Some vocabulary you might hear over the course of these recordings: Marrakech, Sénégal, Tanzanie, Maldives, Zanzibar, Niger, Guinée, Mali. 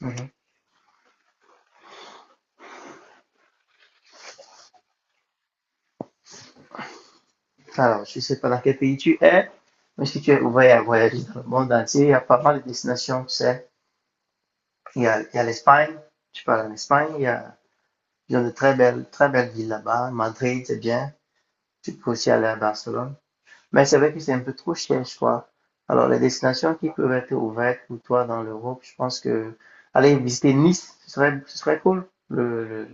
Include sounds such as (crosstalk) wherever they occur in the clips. Mhm. Alors, je ne sais pas dans quel pays tu es, mais si tu es ouvert à voyager dans le monde entier, il y a pas mal de destinations, tu sais. Il y a l'Espagne, tu parles en Espagne, il y a, ils ont de très belles villes là-bas. Madrid, c'est bien. Tu peux aussi aller à Barcelone. Mais c'est vrai que c'est un peu trop cher, je crois. Alors, les destinations qui peuvent être ouvertes pour toi dans l'Europe, je pense que aller visiter Nice, ce serait cool.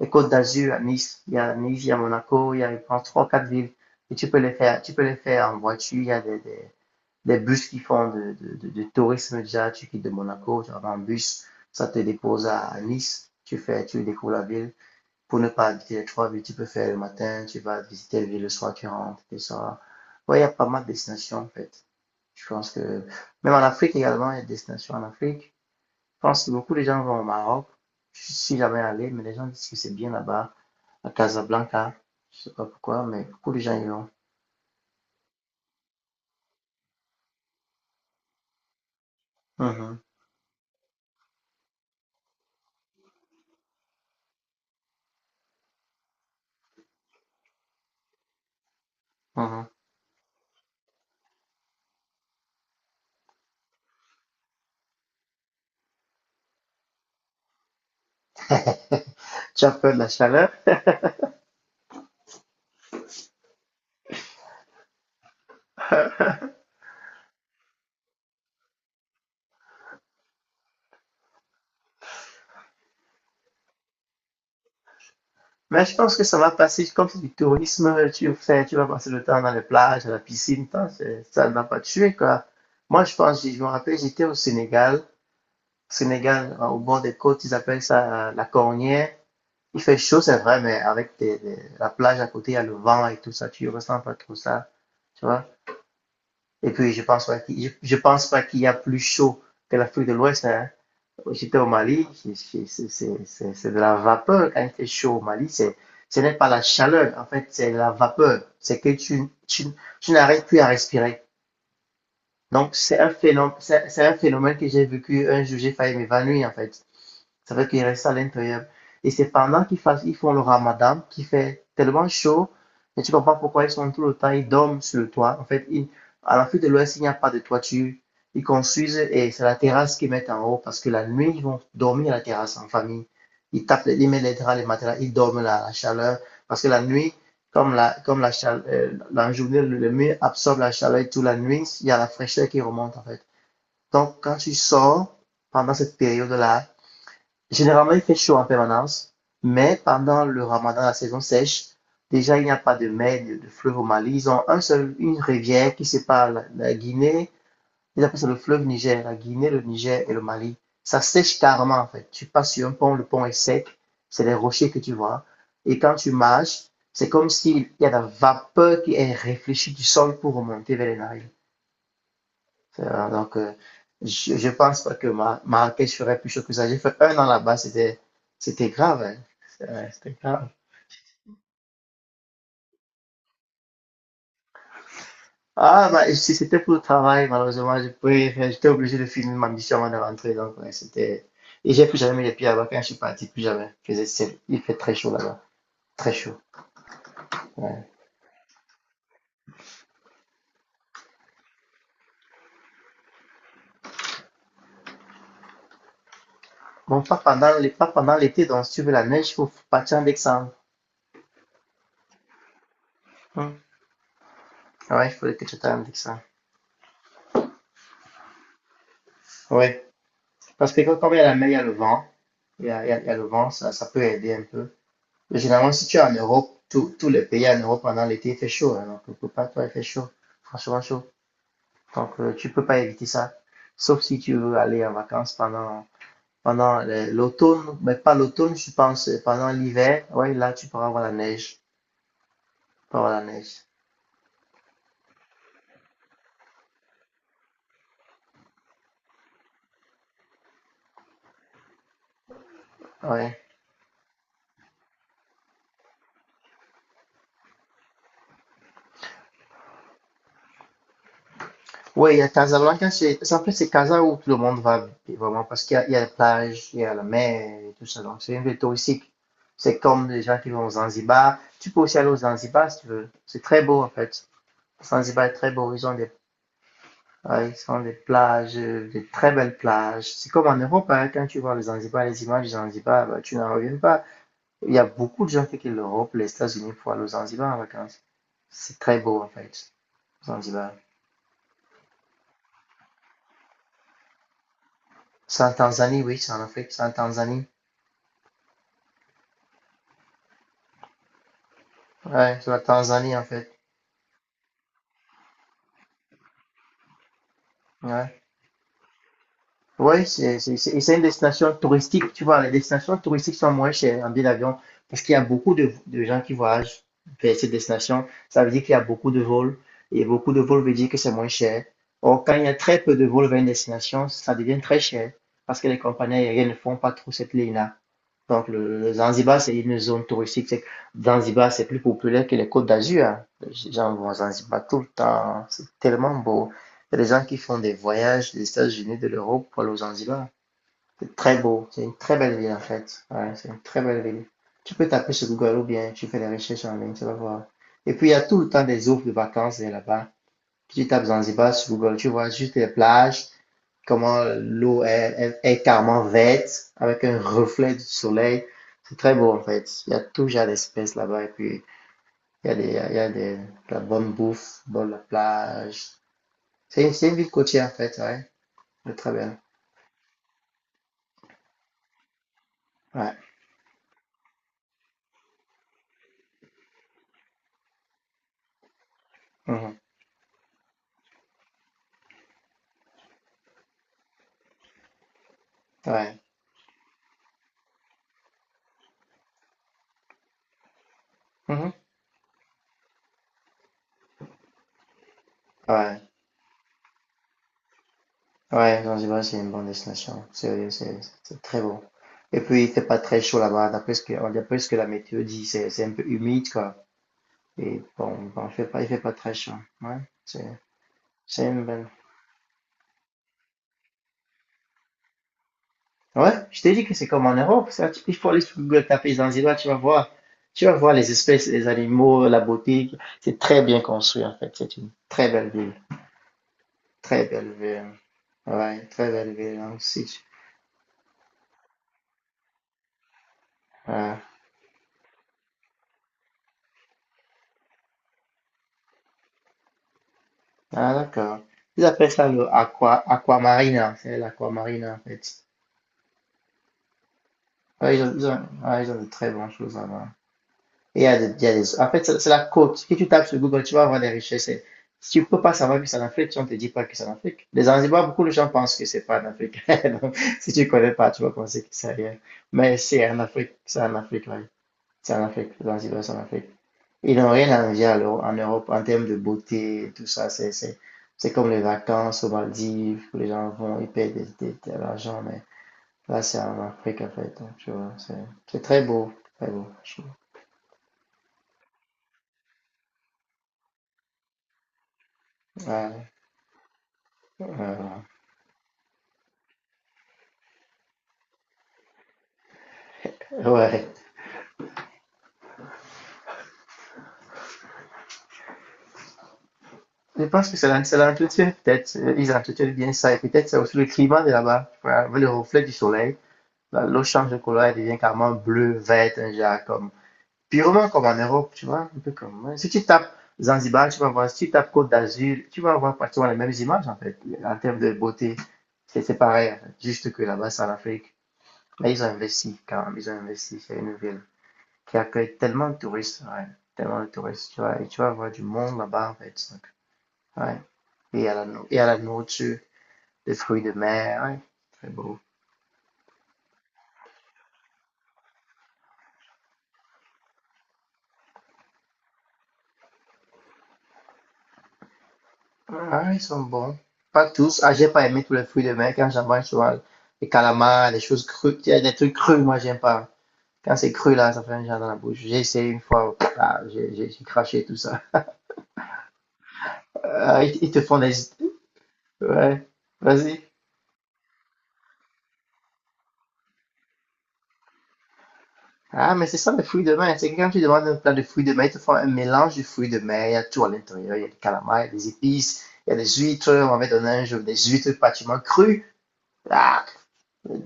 Les Côtes d'Azur à Nice, il y a Nice, il y a Monaco, il y a, je pense, trois, quatre villes. Et tu peux les faire en voiture. Il y a des bus qui font de tourisme déjà. Tu quittes de Monaco, tu vas en bus, ça te dépose à Nice. Tu fais, tu découvres la ville pour ne pas habiter les trois villes. Tu peux faire le matin, tu vas visiter les villes le soir, tu rentres, tout ça. Ouais, il y a pas mal de destinations en fait. Je pense que même en Afrique également, il y a des destinations en Afrique. Je pense que beaucoup de gens vont au Maroc. Je suis si jamais allé, mais les gens disent que c'est bien là-bas, à Casablanca. Je sais pas pourquoi, mais beaucoup de gens y vont. Mhm, mhm. (laughs) Tu as peur de la chaleur? (laughs) Mais je pense que ça va passer, comme c'est du tourisme, tu fais, tu vas passer le temps dans les plages, à la piscine, tant, c'est- ça ne va pas te tuer, quoi. Moi, je pense, je me rappelle, j'étais au Sénégal. Sénégal, au bord des côtes, ils appellent ça la cornière. Il fait chaud, c'est vrai, mais avec des- la plage à côté, il y a le vent et tout ça, tu ressens pas trop ça, tu vois. Et puis, je pense pas qu'il, je pense pas qu'il y a plus chaud que l'Afrique de l'Ouest, hein. J'étais au Mali, de la vapeur quand il fait chaud au Mali. C'est, ce n'est pas la chaleur, en fait, c'est la vapeur. C'est que tu n'arrives plus à respirer. Donc, c'est un phénomène que j'ai vécu un jour, j'ai failli m'évanouir, en fait. Ça veut dire qu'il reste à l'intérieur. Et c'est pendant qu'ils font le ramadan qui fait tellement chaud et tu comprends pourquoi ils sont tout le temps, ils dorment sur le toit. En fait, ils- à l'Afrique de l'Ouest, il n'y a pas de toiture. Ils construisent et c'est la terrasse qu'ils mettent en haut parce que la nuit, ils vont dormir à la terrasse en famille. Ils tapent, les- ils mettent les draps, les matelas, ils dorment la chaleur parce que la nuit, chaleur, la journée, le mur absorbe la chaleur et toute la nuit, il y a la fraîcheur qui remonte en fait. Donc, quand tu sors pendant cette période-là, généralement il fait chaud en permanence, mais pendant le ramadan, la saison sèche, déjà il n'y a pas de mer, de fleuve au Mali. Ils ont un seul, une rivière qui sépare la Guinée, ils appellent ça le fleuve Niger, la Guinée, le Niger et le Mali. Ça sèche carrément en fait. Tu passes sur un pont, le pont est sec, c'est les rochers que tu vois. Et quand tu marches, c'est comme s'il y a de la vapeur qui est réfléchie du sol pour remonter vers les narines. Donc, je pense pas que ma Marrakech ferait plus chaud que ça. J'ai fait un an là-bas, c'était, c'était grave, hein. C'est- ouais, c'était grave. Ah, bah, si c'était pour le travail, malheureusement, je pouvais j'étais obligé de finir ma mission avant de rentrer, donc, ouais, c'était, et j'ai plus jamais mis les pieds là-bas quand je suis parti, plus jamais. Il faisait, c'est- il fait très chaud là-bas. Très chaud. Ouais. Bon, pas pendant, les- pas pendant l'été, donc, si tu veux la neige, il faut partir en décembre. Hum. Ouais, il faut que tu ailles en décembre. Ouais. Parce que quand il y a la mer, il y a le vent. Il y a le vent, ça peut aider un peu. Mais généralement, si tu es en Europe, tous les pays en Europe pendant l'été, il fait chaud, hein. Donc, quelque part, toi, il fait chaud. Franchement, chaud. Donc, tu peux pas éviter ça. Sauf si tu veux aller en vacances pendant, pendant le- l'automne. Mais pas l'automne, je pense, pendant l'hiver. Ouais, là, tu pourras avoir la neige. Tu pourras avoir la neige. Ouais. Ouais, il y a Casablanca, c'est- en fait, c'est Casa où tout le monde va, vraiment, parce qu'il y a les plages il y a la mer et tout ça. Donc, c'est une ville touristique. C'est comme les gens qui vont aux Zanzibar. Tu peux aussi aller aux Zanzibar si tu veux. C'est très beau, en fait. Zanzibar est très beau, ils ont des plages, des très belles plages. C'est comme en Europe, hein, quand tu vois le Zanzibar, les images du Zanzibar, bah, tu n'en reviens pas. Il y a beaucoup de gens qui quittent l'Europe, les États-Unis pour aller au Zanzibar en vacances. C'est très beau en fait, Zanzibar. C'est en Tanzanie, oui, c'est en Afrique, c'est en Tanzanie. Ouais, c'est la Tanzanie en fait. Ouais. Ouais, c'est- et c'est une destination touristique, tu vois. Les destinations touristiques sont moins chères en billet d'avion parce qu'il y a beaucoup de gens qui voyagent vers ces destinations. Ça veut dire qu'il y a beaucoup de vols et beaucoup de vols veut dire que c'est moins cher. Or, quand il y a très peu de vols vers une destination, ça devient très cher parce que les compagnies aériennes ne font pas trop cette ligne-là. Donc, le Zanzibar, c'est une zone touristique. C'est- Zanzibar, c'est plus populaire que les Côtes d'Azur, hein. Les gens vont à Zanzibar tout le temps, hein. C'est tellement beau. Il y a des gens qui font des voyages des États-Unis, de l'Europe pour aller au Zanzibar. C'est très beau. C'est une très belle ville, en fait. Ouais, c'est une très belle ville. Tu peux taper sur Google ou bien tu fais des recherches en ligne, tu vas voir. Et puis, il y a tout le temps des offres de vacances là-bas. Tu tapes Zanzibar sur Google, tu vois juste les plages, comment l'eau est carrément verte avec un reflet du soleil. C'est très beau en fait. Il y a tout genre d'espèces là-bas et puis il y a des, de la bonne bouffe, bonne la plage. C'est une ville côtière en fait, ouais. C'est très bien. Ouais. Mhm. Ouais. Mhm. Ouais. Ouais, Zanzibar, c'est une bonne destination. C'est c'est très beau. Et puis, il fait pas très chaud là-bas. D'après ce que la météo dit, c'est un peu humide, quoi. Et bon, bon, il fait pas très chaud. Ouais. C'est c'est une bonne. Ouais, je t'ai dit que c'est comme en Europe, ça. Tu- il faut aller sur Google, taper Zanzibar, tu vas voir. Tu vas voir les espèces, les animaux, la beauté. C'est très bien construit, en fait. C'est une très belle ville. Très belle ville. Ouais, très belle ville hein, aussi. Ouais. Ah, d'accord. Ils appellent ça le aqua, aquamarina. C'est l'aquamarina, en fait. Ouais, ils ont- ouais, ils ont de très bonnes choses là-bas. Et il y a des, il y a des- en fait, c'est la côte. Si tu tapes sur Google, tu vas voir les richesses. Et si tu ne peux pas savoir que c'est en Afrique, si on ne te dit pas que c'est en Afrique. Les Zanzibar, beaucoup de gens pensent que c'est pas en Afrique. (laughs) Donc, si tu ne connais pas, tu vas penser que c'est ailleurs. Mais c'est en Afrique, oui. C'est en Afrique. Les Zanzibar, c'est en Afrique. Ils n'ont rien à envier à l'Euro- en Europe en termes de beauté, tout ça. C'est comme les vacances aux Maldives, où les gens vont, ils payent des- de l'argent, mais là, c'est en Afrique, en fait. Donc, tu vois, c'est très beau, je trouve. Ouais, ouais, ouais. Ouais. Je pense que c'est l'en- c'est l'entretien, peut-être. Ils entretiennent bien ça. Et peut-être c'est aussi le climat de là-bas. Tu vois, avec le reflet du soleil, l'eau change de couleur, elle devient carrément bleue, verte, un genre comme. Purement comme en Europe, tu vois. Un peu comme. Ouais. Si tu tapes Zanzibar, tu vas voir. Si tu tapes Côte d'Azur, tu vas voir pratiquement les mêmes images, en fait, en termes de beauté. C'est pareil, en fait. Juste que là-bas, c'est en Afrique. Mais ils ont investi, quand même. Ils ont investi. C'est une ville qui accueille tellement de touristes, ouais. Tellement de touristes, tu vois. Et tu vas voir du monde là-bas, en fait. Ouais. Et et à la nourriture, des fruits de mer. Ouais. Très beau. Ah, ils sont bons. Pas tous. Ah, j'ai pas aimé tous les fruits de mer quand j'en mange souvent. Les calamars, les choses crues. Il y a des trucs crus, moi, j'aime pas. Quand c'est cru, là, ça fait un genre dans la bouche. J'ai essayé une fois. Ah, j'ai craché tout ça. Ah, ils te font des… Ouais. Vas-y. Ah, mais c'est ça, les fruits de mer. C'est que quand tu demandes un plat de fruits de mer, ils te font un mélange de fruits de mer. Il y a tout à l'intérieur. Il y a des calamars, il y a des épices, il y a des huîtres. On m'avait donné un jour des huîtres pratiquement crues. Ah,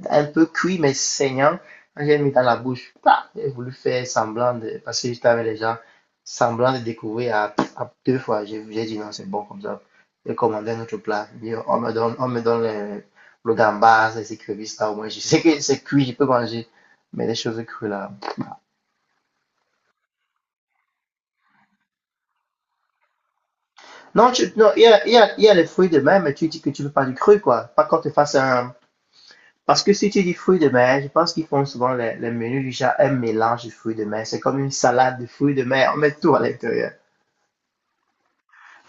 un peu cuit, mais saignant. Quand j'ai mis dans la bouche, ah, j'ai voulu faire semblant de, parce que j'étais avec les gens, semblant de découvrir à deux fois. J'ai dit non, c'est bon comme ça. J'ai commandé un autre plat. J'ai dit, on me donne le, le gambas, les écrevisses, là, au moins, je sais que c'est cuit, je peux manger. Mais les choses crues, là. Non, tu, non, il y a, il y a, il y a les fruits de mer, mais tu dis que tu veux pas du cru, quoi. Pas quand tu fasses un. Parce que si tu dis fruits de mer, je pense qu'ils font souvent les menus du genre un mélange de fruits de mer. C'est comme une salade de fruits de mer. On met tout à l'intérieur.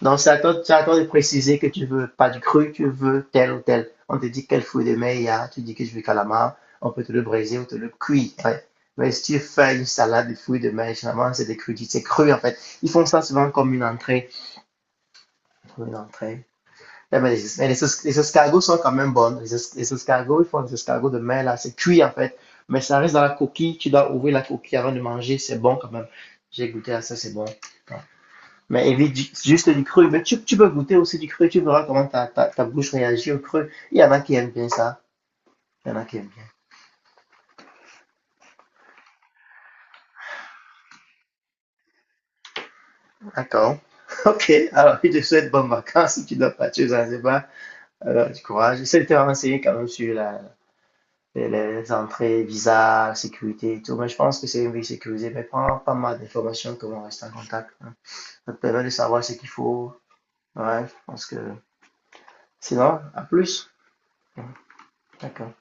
Donc, c'est à toi, c'est à toi de préciser que tu veux pas du cru, tu veux tel ou tel. On te dit quel fruit de mer il y a, tu dis que je veux calamar, on peut te le briser ou te le cuire. Ouais. Mais si tu fais une salade de fruits de mer, généralement, c'est des crudités, c'est cru en fait. Ils font ça souvent comme une entrée. Comme une entrée. Ouais, mais les, les escargots sont quand même bonnes. Les escargots, ils font des escargots de mer, là. C'est cuit, en fait. Mais ça reste dans la coquille. Tu dois ouvrir la coquille avant de manger. C'est bon, quand même. J'ai goûté à ça, c'est bon. Ouais. Mais évite juste du cru. Mais tu peux goûter aussi du cru. Tu verras comment ta, ta, ta bouche réagit au cru. Il y en a qui aiment bien ça. Il y en a qui aiment bien. D'accord. (laughs) Ok. Alors, je te souhaite bonnes vacances si tu dois partir aux Zanzibar. Alors, du courage. J'essaie de te renseigner quand même sur la, les entrées, visa, sécurité et tout. Mais je pense que c'est une vie sécurisée. Mais prends pas mal d'informations que vont rester en contact, hein. Ça te permet de savoir ce qu'il faut. Ouais, je pense que. Sinon, à plus. D'accord.